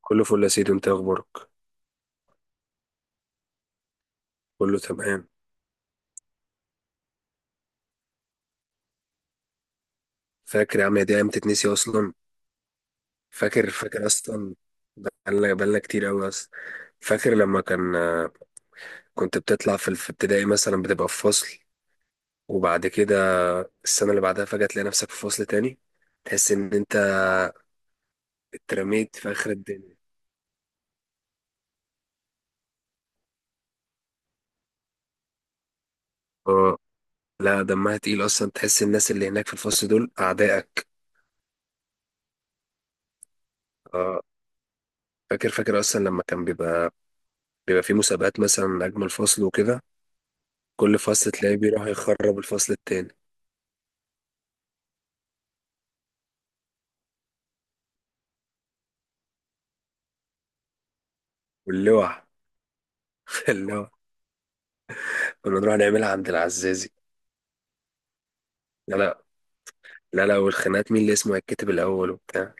كله فل يا سيدي، انت اخبارك؟ كله تمام. فاكر يا عم، يا دي ايام تتنسي اصلا. فاكر اصلا. بقالنا كتير قوي اصلا. فاكر لما كنت بتطلع في ابتدائي مثلا بتبقى في فصل، وبعد كده السنه اللي بعدها فجاه تلاقي نفسك في فصل تاني. تحس ان انت اترميت في اخر الدنيا. اه. لا، دمها تقيل اصلا، تحس الناس اللي هناك في الفصل دول اعدائك. اه. فاكر اصلا لما كان بيبقى في مسابقات مثلا اجمل فصل وكده. كل فصل تلاقيه بيروح يخرب الفصل التاني. واللوع اللوع كنا نروح نعملها عند العزازي. لا، لا. لا، لا، والخناقات مين اللي اسمه هيتكتب الاول وبتاع.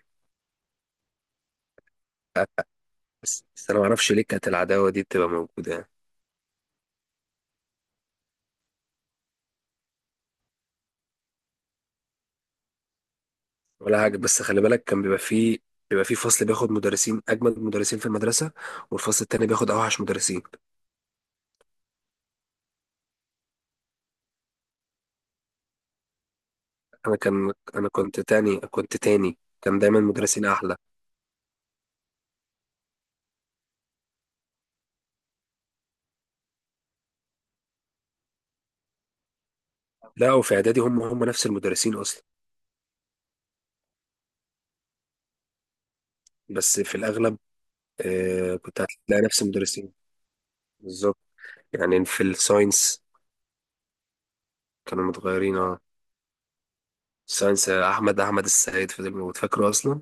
بس انا ما اعرفش ليه كانت العداوه دي بتبقى موجوده يعني. ولا حاجه، بس خلي بالك كان بيبقى فيه فصل بياخد مدرسين اجمد مدرسين في المدرسه، والفصل التاني بياخد اوحش مدرسين. انا كنت تاني كان دايما مدرسين احلى. لا، وفي اعدادي هم نفس المدرسين اصلا. بس في الاغلب كنت هتلاقي نفس المدرسين. بالظبط. يعني في الساينس كانوا متغيرين، اه. ساينس احمد السيد فضل موجود، فاكره اصلا.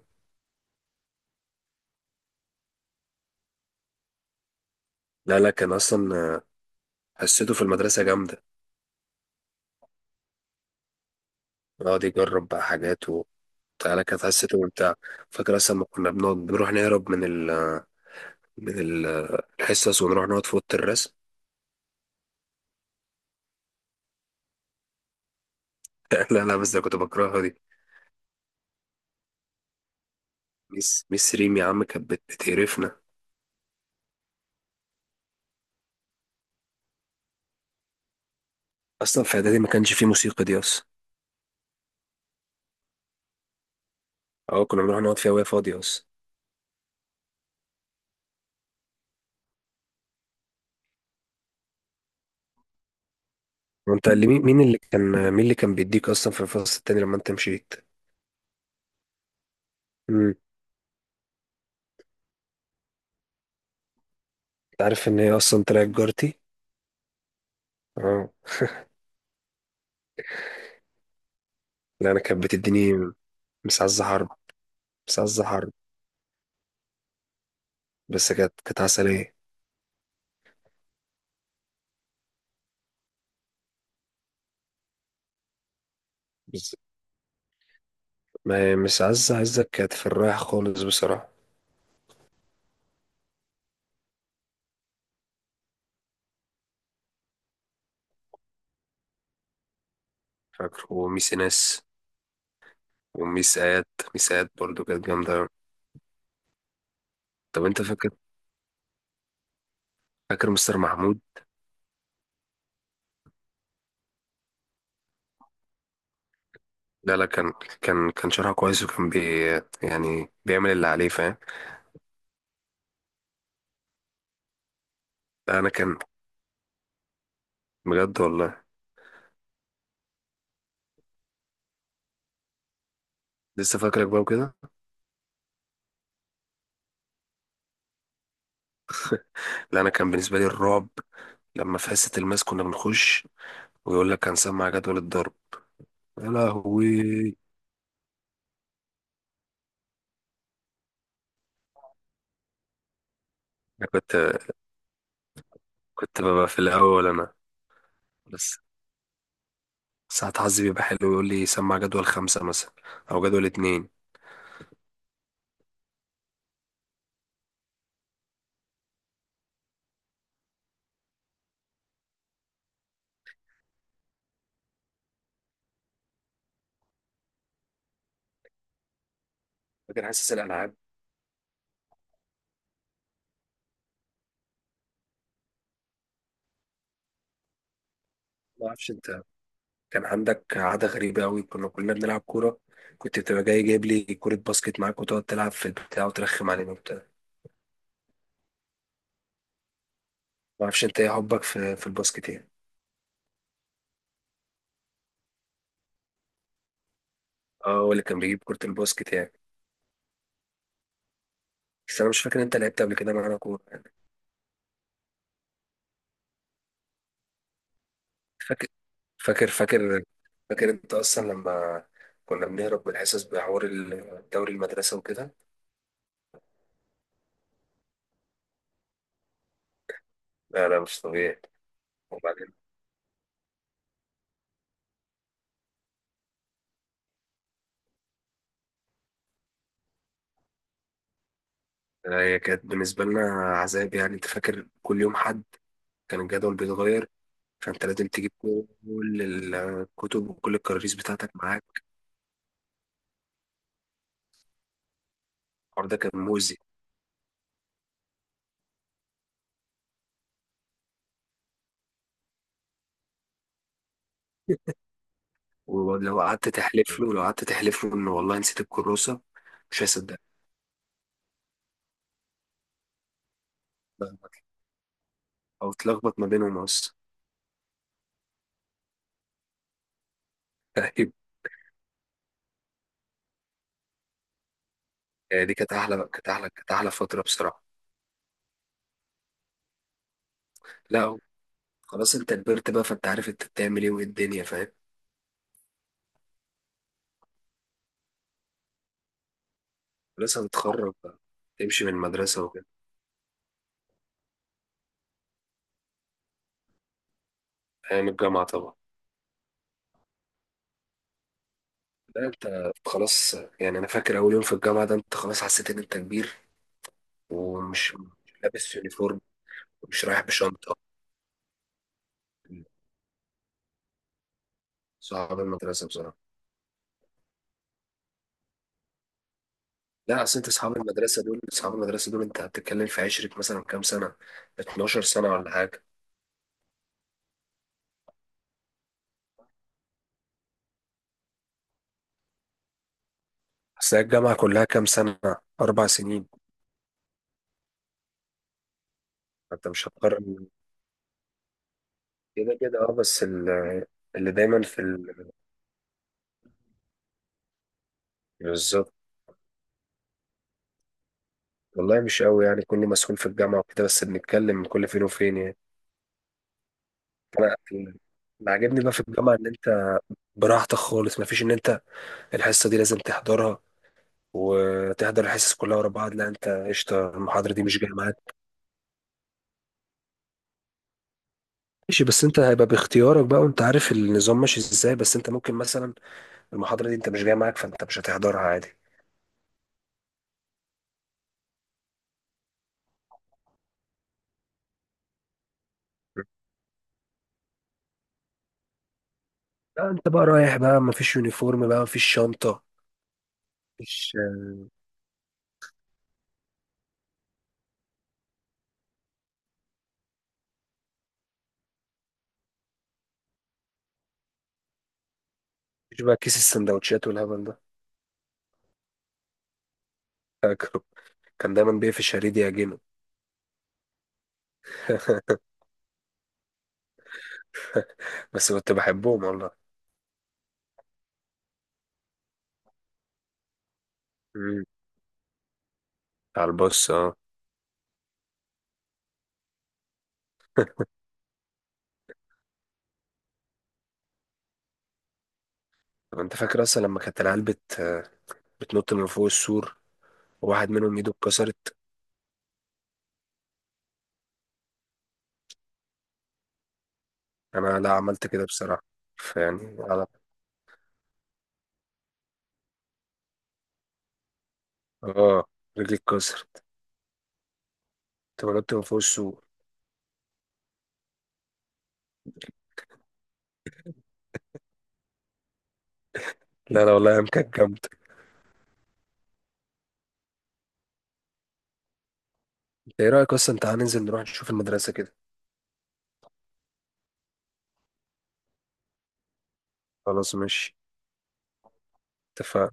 لا، لا، كان اصلا حسيته في المدرسه جامده. يقعد يجرب بقى حاجات وبتاع. لا، كانت حسيته ممتع. فاكر اصلا ما كنا بنقعد بنروح نهرب من ال من ال الحصص ونروح نقعد في اوضه الرسم. لا، لا، بس ده كنت بكرهها دي. ميس ريم يا عم كانت بتقرفنا. اصلا في اعدادي ما كانش فيه موسيقى دي اصلا. اه، كنا بنروح نقعد فيها وهي فاضيه اصلا. وانت، اللي مين مين اللي كان مين اللي كان بيديك اصلا في الفصل التاني لما انت مشيت؟ امم انت عارف ان هي اصلا طلعت جارتي؟ اه. لا، انا كانت بتديني. مش عزة حرب؟ مش عزة حرب. بس كانت عسلية. بس ما مش عزة عزة كانت في الرايح خالص بصراحة. فاكر، وميس ناس، وميس آيات برضو كانت جامدة أوي. طب انت فاكر مستر محمود؟ لا، لا، كان شرحه كويس وكان يعني بيعمل اللي عليه فاهم. لا انا كان، بجد والله. لسه فاكرك بقى وكده. لا انا كان بالنسبة لي الرعب لما في حصة الماس كنا بنخش، ويقول لك هنسمع جدول الضرب. يا لهوي. كنت ببقى في الأول أنا. بس ساعات حظي بيبقى حلو، يقول لي سمع جدول خمسة مثلا، أو جدول اتنين. فاكر حاسس الألعاب. ما أعرفش أنت، كان عندك عادة غريبة أوي، كنا كلنا بنلعب كورة، كنت بتبقى جاي جايب لي كورة باسكت معاك وتقعد تلعب في البتاع وترخم علينا وبتاع. ما أعرفش أنت إيه حبك في الباسكت يعني؟ أه، هو اللي كان بيجيب كورة الباسكت يعني. بس أنا مش فاكر أنت لعبت قبل كده معانا كورة. فاكر فاكر فاكر فاكر أنت أصلا لما كنا بنهرب من الحصص بحوار الدوري المدرسة وكده. لا، لا، مش طبيعي. هي كانت بالنسبة لنا عذاب، يعني أنت فاكر كل يوم حد، كان الجدول بيتغير، فأنت لازم تجيب كل الكتب وكل الكراريس بتاعتك معاك. الحوار ده كان مؤذي. ولو قعدت تحلف له لو قعدت تحلف له إن والله نسيت الكروسة مش هيصدقك، أو تلخبط ما بينهم أصلا. طيب. يعني دي كانت أحلى فترة بصراحة. لا، خلاص أنت كبرت بقى، فأنت عارف أنت بتعمل إيه وإيه الدنيا فاهم. خلاص هتتخرج بقى، تمشي من المدرسة وكده. أيام الجامعة طبعا. لا انت خلاص، يعني انا فاكر اول يوم في الجامعه ده انت خلاص حسيت ان انت كبير، ومش مش لابس يونيفورم، مش رايح بشنطه. صحاب المدرسه بصراحه. لا اصل انت اصحاب المدرسه دول انت هتتكلم في عشرة مثلا كام سنه، 12 سنه ولا حاجه. بس هي الجامعه كلها كام سنه؟ اربع سنين. انت مش هتقرر كده كده، اه، بس اللي دايما في ال... بالظبط. والله مش قوي، يعني كوني مسؤول في الجامعه وكده، بس بنتكلم كل فين وفين يعني. انا اللي عاجبني بقى في الجامعة إن أنت براحتك خالص، مفيش ان انت الحصه دي لازم تحضرها وتحضر الحصص كلها ورا بعض، لا انت قشطه، المحاضره دي مش جايه معاك. ماشي، بس انت هيبقى باختيارك بقى وانت عارف النظام ماشي ازاي، بس انت ممكن مثلا المحاضره دي انت مش جايه معاك فانت مش هتحضرها عادي. لا انت بقى رايح بقى مفيش يونيفورم بقى مفيش شنطه. مفيش مفيش بقى كيس السندوتشات والهبل ده. فاكره، كان دايما بيقفش شريدي يعجنه. بس كنت بحبهم والله. مم. على البص، اه. طب انت فاكر اصلا لما كانت العيال بتنط من فوق السور، وواحد منهم ايده اتكسرت. انا لا عملت كده بصراحه. فيعني على... اه، رجلي اتكسرت، كنت بنط من فوق السور. لا، لا، والله ايام كانت جامده. انت ايه رايك اصلا، تعالى ننزل نروح نشوف المدرسه كده؟ خلاص ماشي. اتفقنا،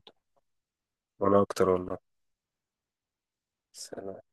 وانا اكتر والله. سلام.